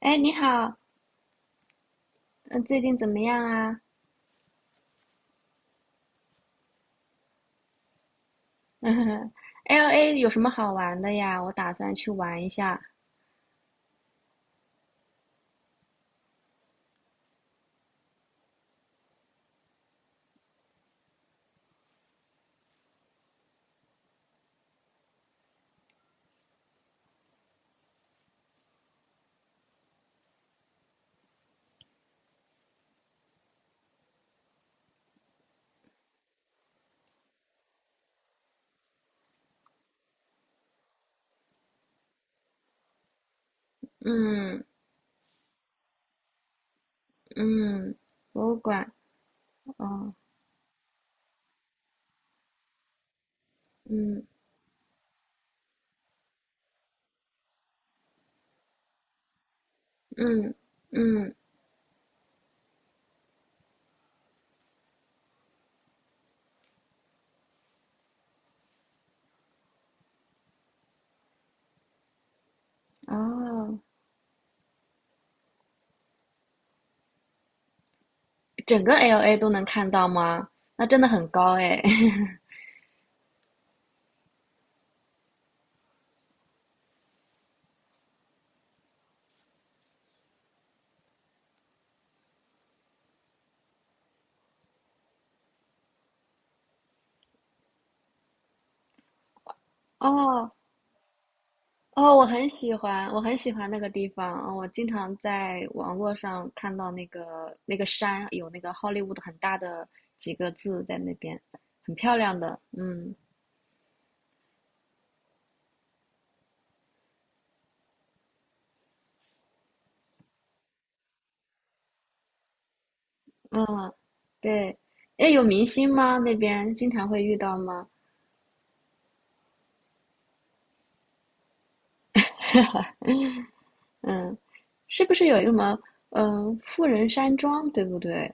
哎，你好，嗯，最近怎么样啊？LA 有什么好玩的呀？我打算去玩一下。嗯嗯，博物馆，哦，嗯嗯嗯，哦，整个 LA 都能看到吗？那真的很高哎。哦哦，我很喜欢，我很喜欢那个地方。哦我经常在网络上看到那个那个山有那个好莱坞的很大的几个字在那边，很漂亮的。嗯。嗯，对，哎，有明星吗？那边经常会遇到吗？嗯，是不是有一个什么，富人山庄，对不对？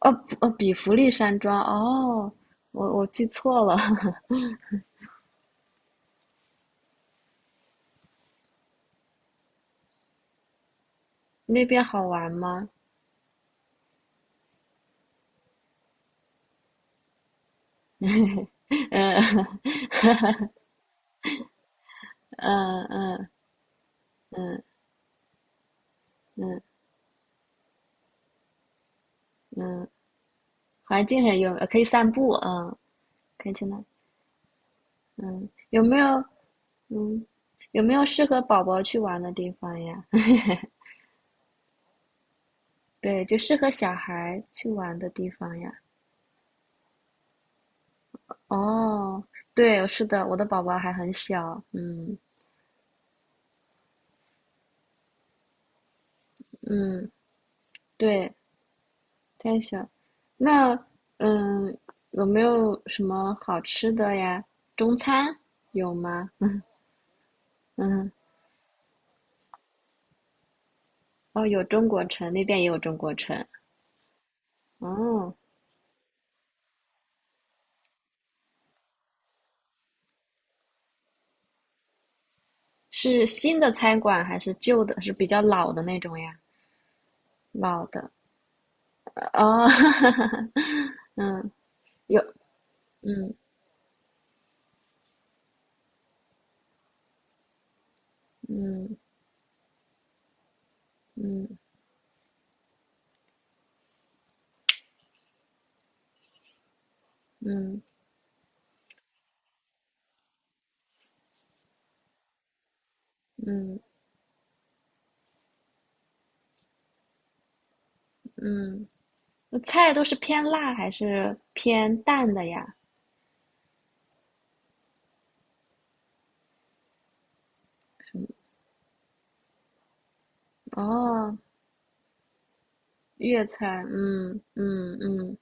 哦，不哦，比弗利山庄，哦，我记错了，那边好玩吗？嗯嗯嗯嗯嗯嗯，环境很优，可以散步，嗯，可以去那，嗯，嗯，有没有适合宝宝去玩的地方呀？对，就适合小孩去玩的地方呀。哦，对，是的，我的宝宝还很小，嗯嗯，对，太小。那嗯，有没有什么好吃的呀？中餐有吗？嗯，哦，有中国城，那边也有中国城。哦，是新的餐馆还是旧的？是比较老的那种呀？老的，哦，嗯，有，嗯嗯嗯嗯嗯嗯，那菜都是偏辣还是偏淡的呀？哦，粤菜，嗯嗯嗯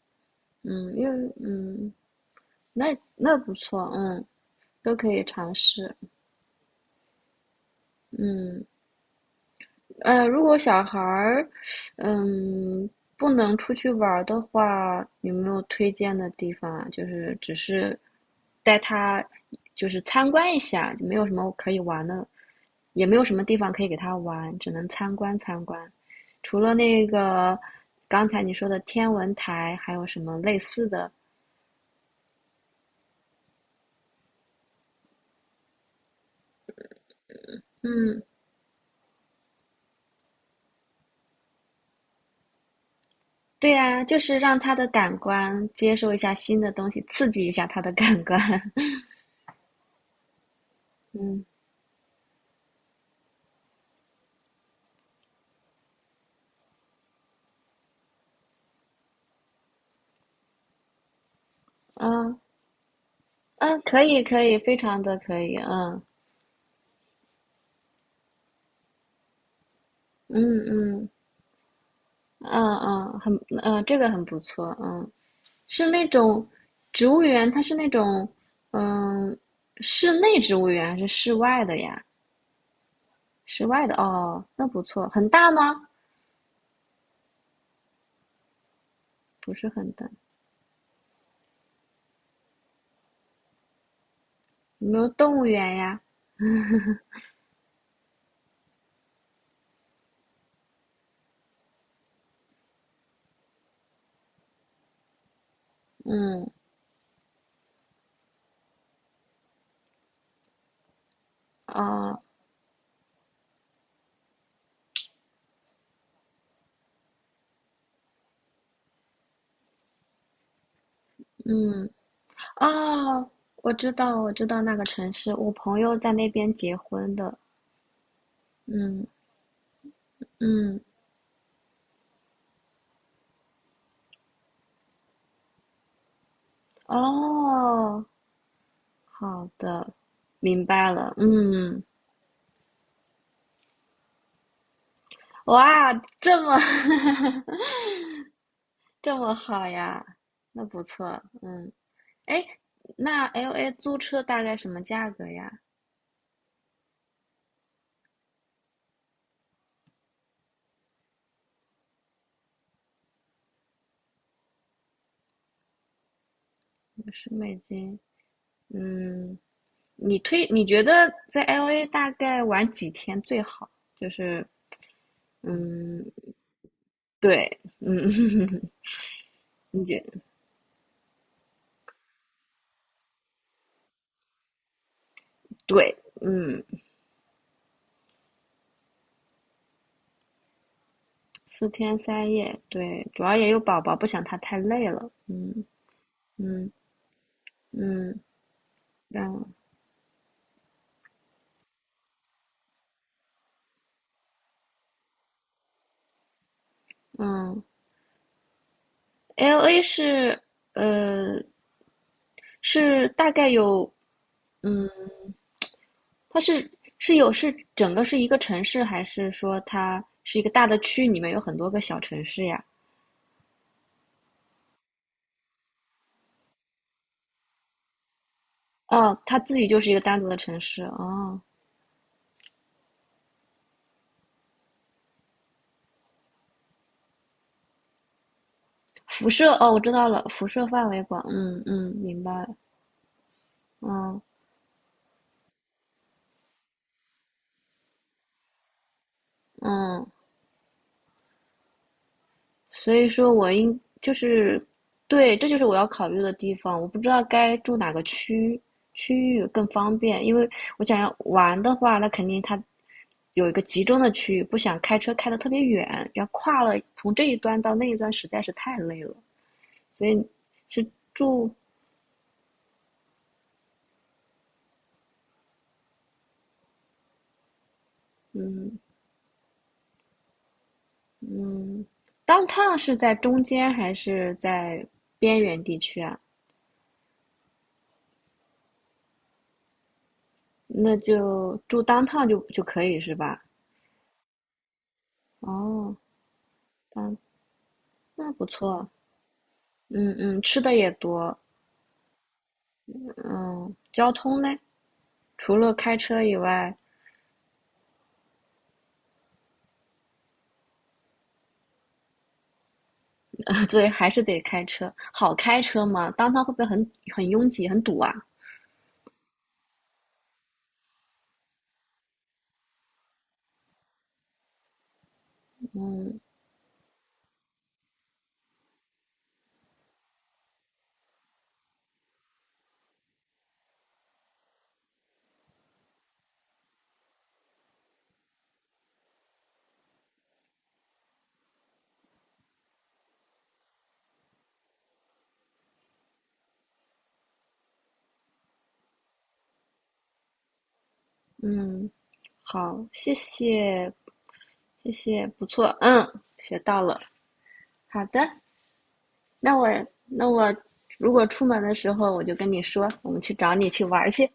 嗯，嗯，那不错，嗯，都可以尝试，嗯。如果小孩儿，嗯，不能出去玩儿的话，有没有推荐的地方啊？就是只是带他，就是参观一下，没有什么可以玩的，也没有什么地方可以给他玩，只能参观参观。除了那个刚才你说的天文台，还有什么类似的？嗯，对呀，就是让他的感官接受一下新的东西，刺激一下他的感官。嗯啊，嗯嗯，可以可以，非常的可以，嗯嗯嗯嗯嗯，这个很不错，嗯，是那种植物园，它是那种嗯室内植物园还是室外的呀？室外的哦，那不错，很大吗？不是很大，有没有动物园呀？嗯啊嗯哦，我知道我知道那个城市，我朋友在那边结婚的，嗯嗯哦。好的，明白了。嗯，哇，这么 这么好呀，那不错。嗯，哎，那 LA 租车大概什么价格呀？50美金。嗯，你觉得在 LA 大概玩几天最好？就是嗯，对，嗯，你觉对，嗯，4天3夜，对，主要也有宝宝，不想他太累了。嗯嗯嗯，然后嗯。LA 呃是大概有嗯，它是有是整个是一个城市，还是说它是一个大的区，里面有很多个小城市呀？哦，它自己就是一个单独的城市哦。辐射哦，我知道了，辐射范围广，嗯嗯，明白了，嗯嗯。所以说就是，对，这就是我要考虑的地方。我不知道该住哪个区域更方便，因为我想要玩的话，那肯定它有一个集中的区域，不想开车开得特别远，要跨了从这一端到那一端实在是太累了。所以是住，嗯嗯当趟是在中间还是在边缘地区啊？那就住当趟就可以是吧？哦，当那不错。嗯嗯，吃的也多。嗯，交通呢？除了开车以外，对，还是得开车。好开车吗？当他会不会很拥挤、很堵啊？嗯嗯，好，谢谢谢谢，不错，嗯，学到了。好的，那我那我如果出门的时候，我就跟你说，我们去找你去玩儿去。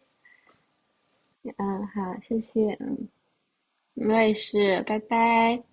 嗯，好，谢谢，我也是，拜拜。